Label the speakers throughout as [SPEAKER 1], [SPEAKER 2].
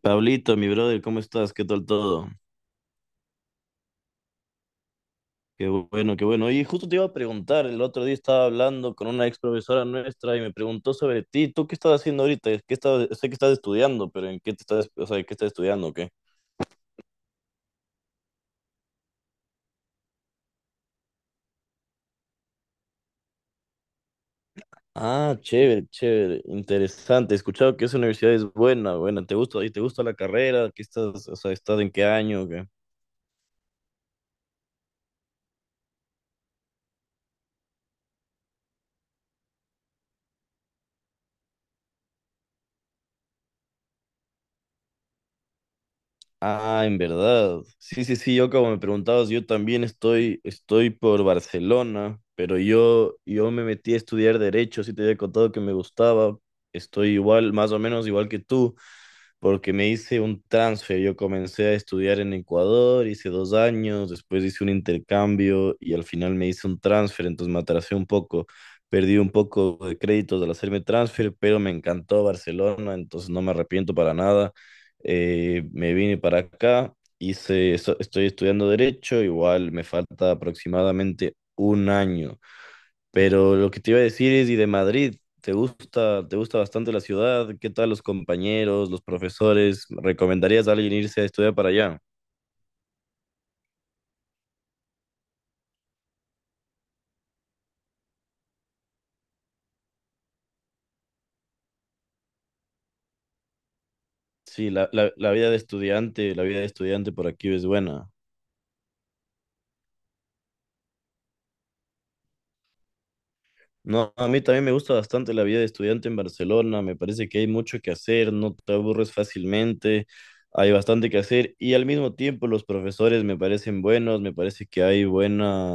[SPEAKER 1] Pablito, mi brother, ¿cómo estás? ¿Qué tal todo? Qué bueno, qué bueno. Y justo te iba a preguntar, el otro día estaba hablando con una ex profesora nuestra y me preguntó sobre ti. ¿Tú qué estás haciendo ahorita? Sé que estás estudiando, pero, ¿en qué te estás, o sea, ¿qué estás estudiando o qué? Ah, chévere, chévere, interesante. He escuchado que esa universidad es buena, buena. ¿Te gusta? ¿Y te gusta la carrera? O sea, ¿estás en qué año o qué? Ah, en verdad. Sí, sí, sí, yo como me preguntabas, yo también estoy por Barcelona, pero yo me metí a estudiar derecho, sí te había contado que me gustaba. Estoy igual, más o menos igual que tú porque me hice un transfer. Yo comencé a estudiar en Ecuador, hice 2 años, después hice un intercambio y al final me hice un transfer, entonces me atrasé un poco, perdí un poco de créditos al hacerme transfer, pero me encantó Barcelona, entonces no me arrepiento para nada. Me vine para acá, estoy estudiando derecho, igual me falta aproximadamente un año. Pero lo que te iba a decir es, y de Madrid, ¿te gusta bastante la ciudad? ¿Qué tal los compañeros, los profesores? ¿Recomendarías a alguien irse a estudiar para allá? Sí, la vida de estudiante por aquí es buena. No, a mí también me gusta bastante la vida de estudiante en Barcelona, me parece que hay mucho que hacer, no te aburres fácilmente, hay bastante que hacer y al mismo tiempo los profesores me parecen buenos, me parece que hay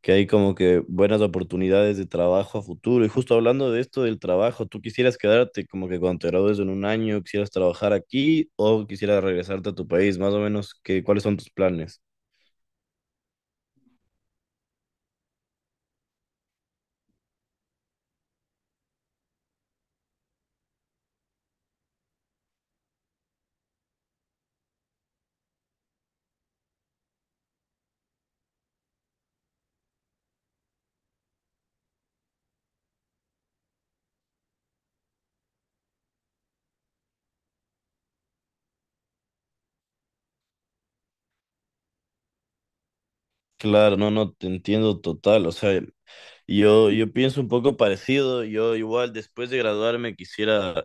[SPEAKER 1] que hay como que buenas oportunidades de trabajo a futuro. Y justo hablando de esto del trabajo, ¿tú quisieras quedarte como que cuando te gradúes en un año, quisieras trabajar aquí o quisieras regresarte a tu país? Más o menos, qué ¿cuáles son tus planes? Claro, no, no, te entiendo total. O sea, yo pienso un poco parecido, yo igual después de graduarme quisiera,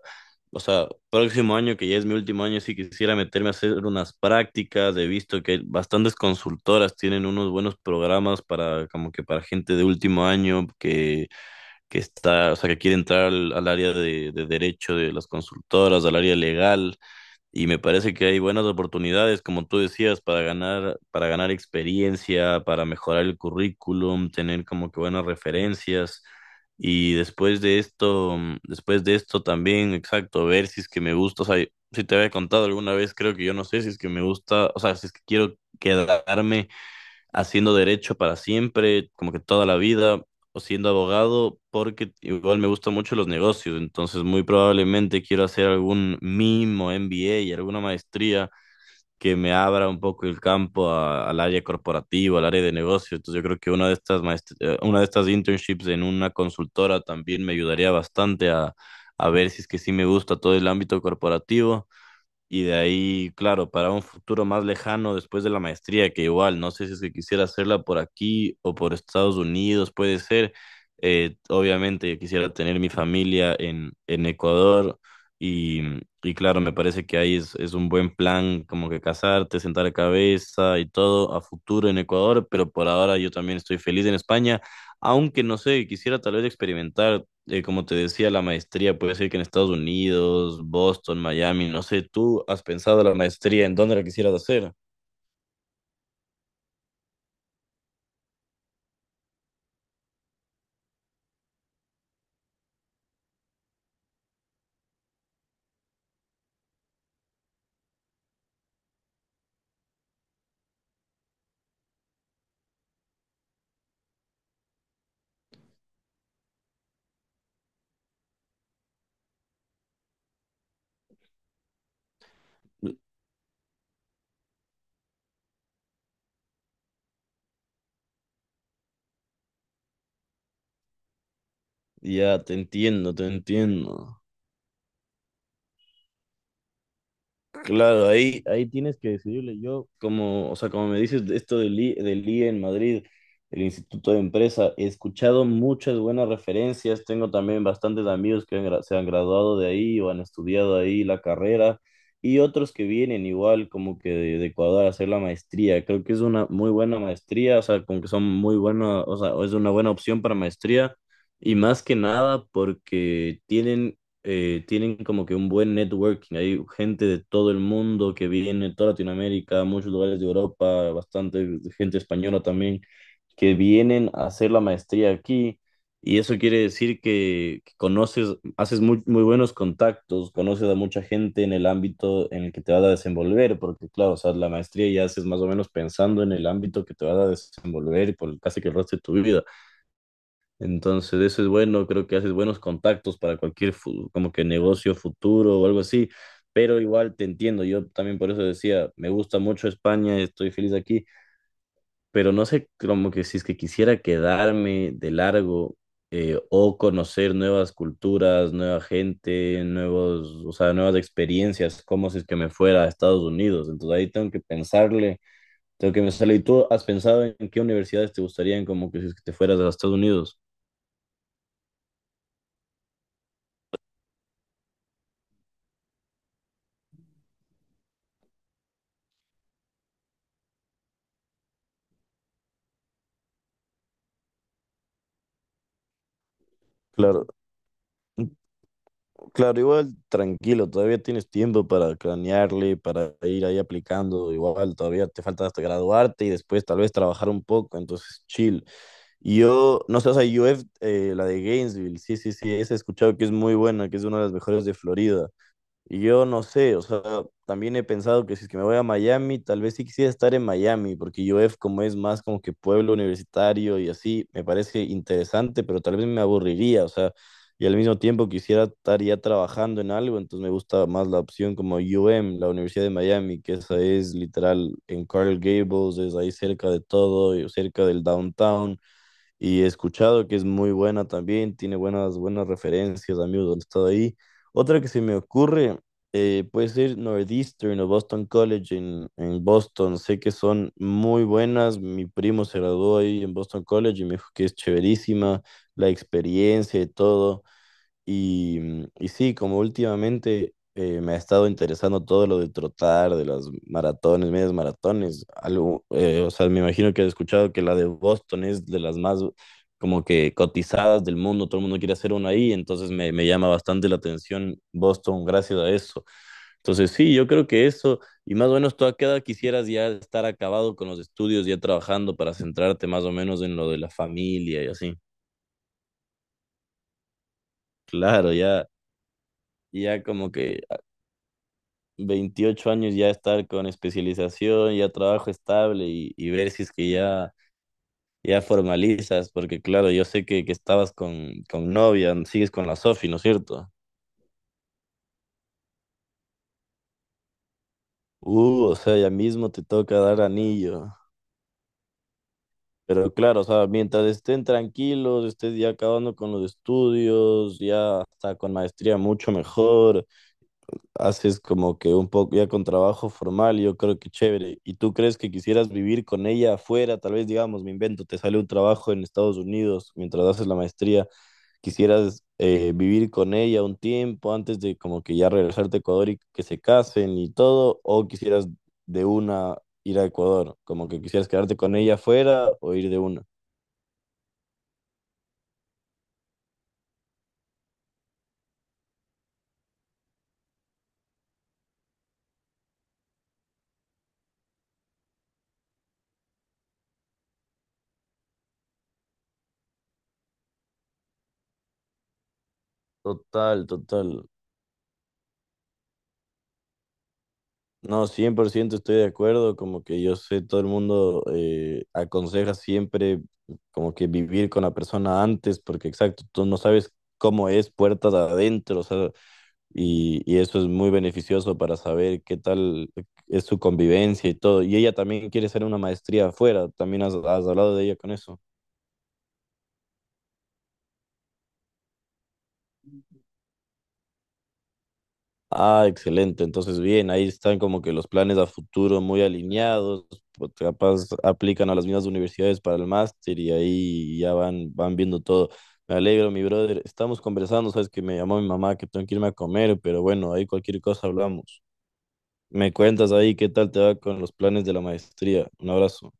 [SPEAKER 1] o sea, próximo año que ya es mi último año, sí quisiera meterme a hacer unas prácticas, he visto que bastantes consultoras tienen unos buenos programas para como que para gente de último año que está, o sea, que quiere entrar al área de derecho de las consultoras, al área legal. Y me parece que hay buenas oportunidades, como tú decías, para ganar experiencia, para mejorar el currículum, tener como que buenas referencias. Y después de esto también, exacto, ver si es que me gusta. O sea, si te había contado alguna vez, creo que yo no sé si es que me gusta, o sea, si es que quiero quedarme haciendo derecho para siempre, como que toda la vida, o siendo abogado, porque igual me gustan mucho los negocios, entonces muy probablemente quiero hacer algún MIM o MBA y alguna maestría que me abra un poco el campo al área corporativa, al área de negocios. Entonces yo creo que una de estas internships en una consultora también me ayudaría bastante a ver si es que sí me gusta todo el ámbito corporativo. Y de ahí, claro, para un futuro más lejano después de la maestría, que igual, no sé si es que quisiera hacerla por aquí o por Estados Unidos, puede ser. Obviamente yo quisiera tener mi familia en Ecuador y, y claro, me parece que ahí es un buen plan como que casarte, sentar cabeza y todo a futuro en Ecuador, pero por ahora yo también estoy feliz en España, aunque no sé, quisiera tal vez experimentar como te decía, la maestría puede ser que en Estados Unidos, Boston, Miami, no sé, tú has pensado la maestría en dónde la quisieras hacer. Ya te entiendo, te entiendo. Claro, ahí tienes que decidirle. Yo, como, o sea, como me dices de esto del IE en Madrid, el Instituto de Empresa, he escuchado muchas buenas referencias. Tengo también bastantes amigos que se han graduado de ahí o han estudiado ahí la carrera y otros que vienen igual como que de Ecuador a hacer la maestría. Creo que es una muy buena maestría, o sea, como que son muy buenas, o sea, es una buena opción para maestría y más que nada porque tienen como que un buen networking. Hay gente de todo el mundo que viene, toda Latinoamérica, muchos lugares de Europa, bastante gente española también, que vienen a hacer la maestría aquí. Y eso quiere decir que conoces, haces muy, muy buenos contactos, conoces a mucha gente en el ámbito en el que te vas a desenvolver, porque claro, o sea, la maestría ya haces más o menos pensando en el ámbito que te vas a desenvolver por casi que el resto de tu vida. Entonces, eso es bueno, creo que haces buenos contactos para cualquier como que negocio futuro o algo así, pero igual te entiendo, yo también por eso decía, me gusta mucho España, estoy feliz aquí, pero no sé como que si es que quisiera quedarme de largo o conocer nuevas culturas, nueva gente, o sea, nuevas experiencias, como si es que me fuera a Estados Unidos, entonces ahí tengo que pensarle, ¿y tú has pensado en qué universidades te gustarían como que si es que te fueras a Estados Unidos? Claro. Claro, igual tranquilo, todavía tienes tiempo para cranearle, para ir ahí aplicando, igual todavía te falta hasta graduarte y después tal vez trabajar un poco, entonces chill. Y yo, no sé, o sea, UF, la de Gainesville, sí, sí, sí, esa he escuchado que es muy buena, que es una de las mejores de Florida. Y yo no sé, o sea, también he pensado que si es que me voy a Miami, tal vez sí quisiera estar en Miami, porque UF como es más como que pueblo universitario y así, me parece interesante, pero tal vez me aburriría, o sea, y al mismo tiempo quisiera estar ya trabajando en algo, entonces me gusta más la opción como UM, la Universidad de Miami, que esa es literal en Coral Gables, es ahí cerca de todo, y cerca del downtown y he escuchado que es muy buena también, tiene buenas, buenas referencias, amigos han estado ahí. Otra que se me ocurre puede ser Northeastern o Boston College en Boston, sé que son muy buenas, mi primo se graduó ahí en Boston College y me dijo que es chéverísima la experiencia y todo. Y sí, como últimamente me ha estado interesando todo lo de trotar, de las maratones, medias maratones, algo, o sea, me imagino que has escuchado que la de Boston es de las más como que cotizadas del mundo, todo el mundo quiere hacer una ahí, entonces me llama bastante la atención Boston gracias a eso. Entonces sí, yo creo que eso, y más o menos tú a qué edad quisieras ya estar acabado con los estudios, ya trabajando para centrarte más o menos en lo de la familia y así. Claro, ya, ya como que 28 años ya estar con especialización, ya trabajo estable y ver si es que ya, ya formalizas, porque claro, yo sé que estabas con novia, ¿no? Sigues con la Sofi, ¿no es cierto? O sea, ya mismo te toca dar anillo. Pero claro, o sea, mientras estén tranquilos, estés ya acabando con los estudios, ya hasta con maestría mucho mejor. Haces como que un poco ya con trabajo formal, yo creo que chévere. ¿Y tú crees que quisieras vivir con ella afuera? Tal vez, digamos, me invento, te sale un trabajo en Estados Unidos mientras haces la maestría, quisieras vivir con ella un tiempo antes de como que ya regresarte a Ecuador y que se casen y todo, o quisieras de una ir a Ecuador, como que quisieras quedarte con ella afuera o ir de una. Total, total. No, 100% estoy de acuerdo, como que yo sé, todo el mundo aconseja siempre como que vivir con la persona antes, porque exacto, tú no sabes cómo es puertas adentro, o sea, y eso es muy beneficioso para saber qué tal es su convivencia y todo. Y ella también quiere hacer una maestría afuera, también has hablado de ella con eso. Ah, excelente. Entonces, bien, ahí están como que los planes a futuro muy alineados. Pues, capaz aplican a las mismas universidades para el máster y ahí ya van viendo todo. Me alegro, mi brother. Estamos conversando, sabes que me llamó mi mamá que tengo que irme a comer, pero bueno, ahí cualquier cosa hablamos. Me cuentas ahí qué tal te va con los planes de la maestría. Un abrazo.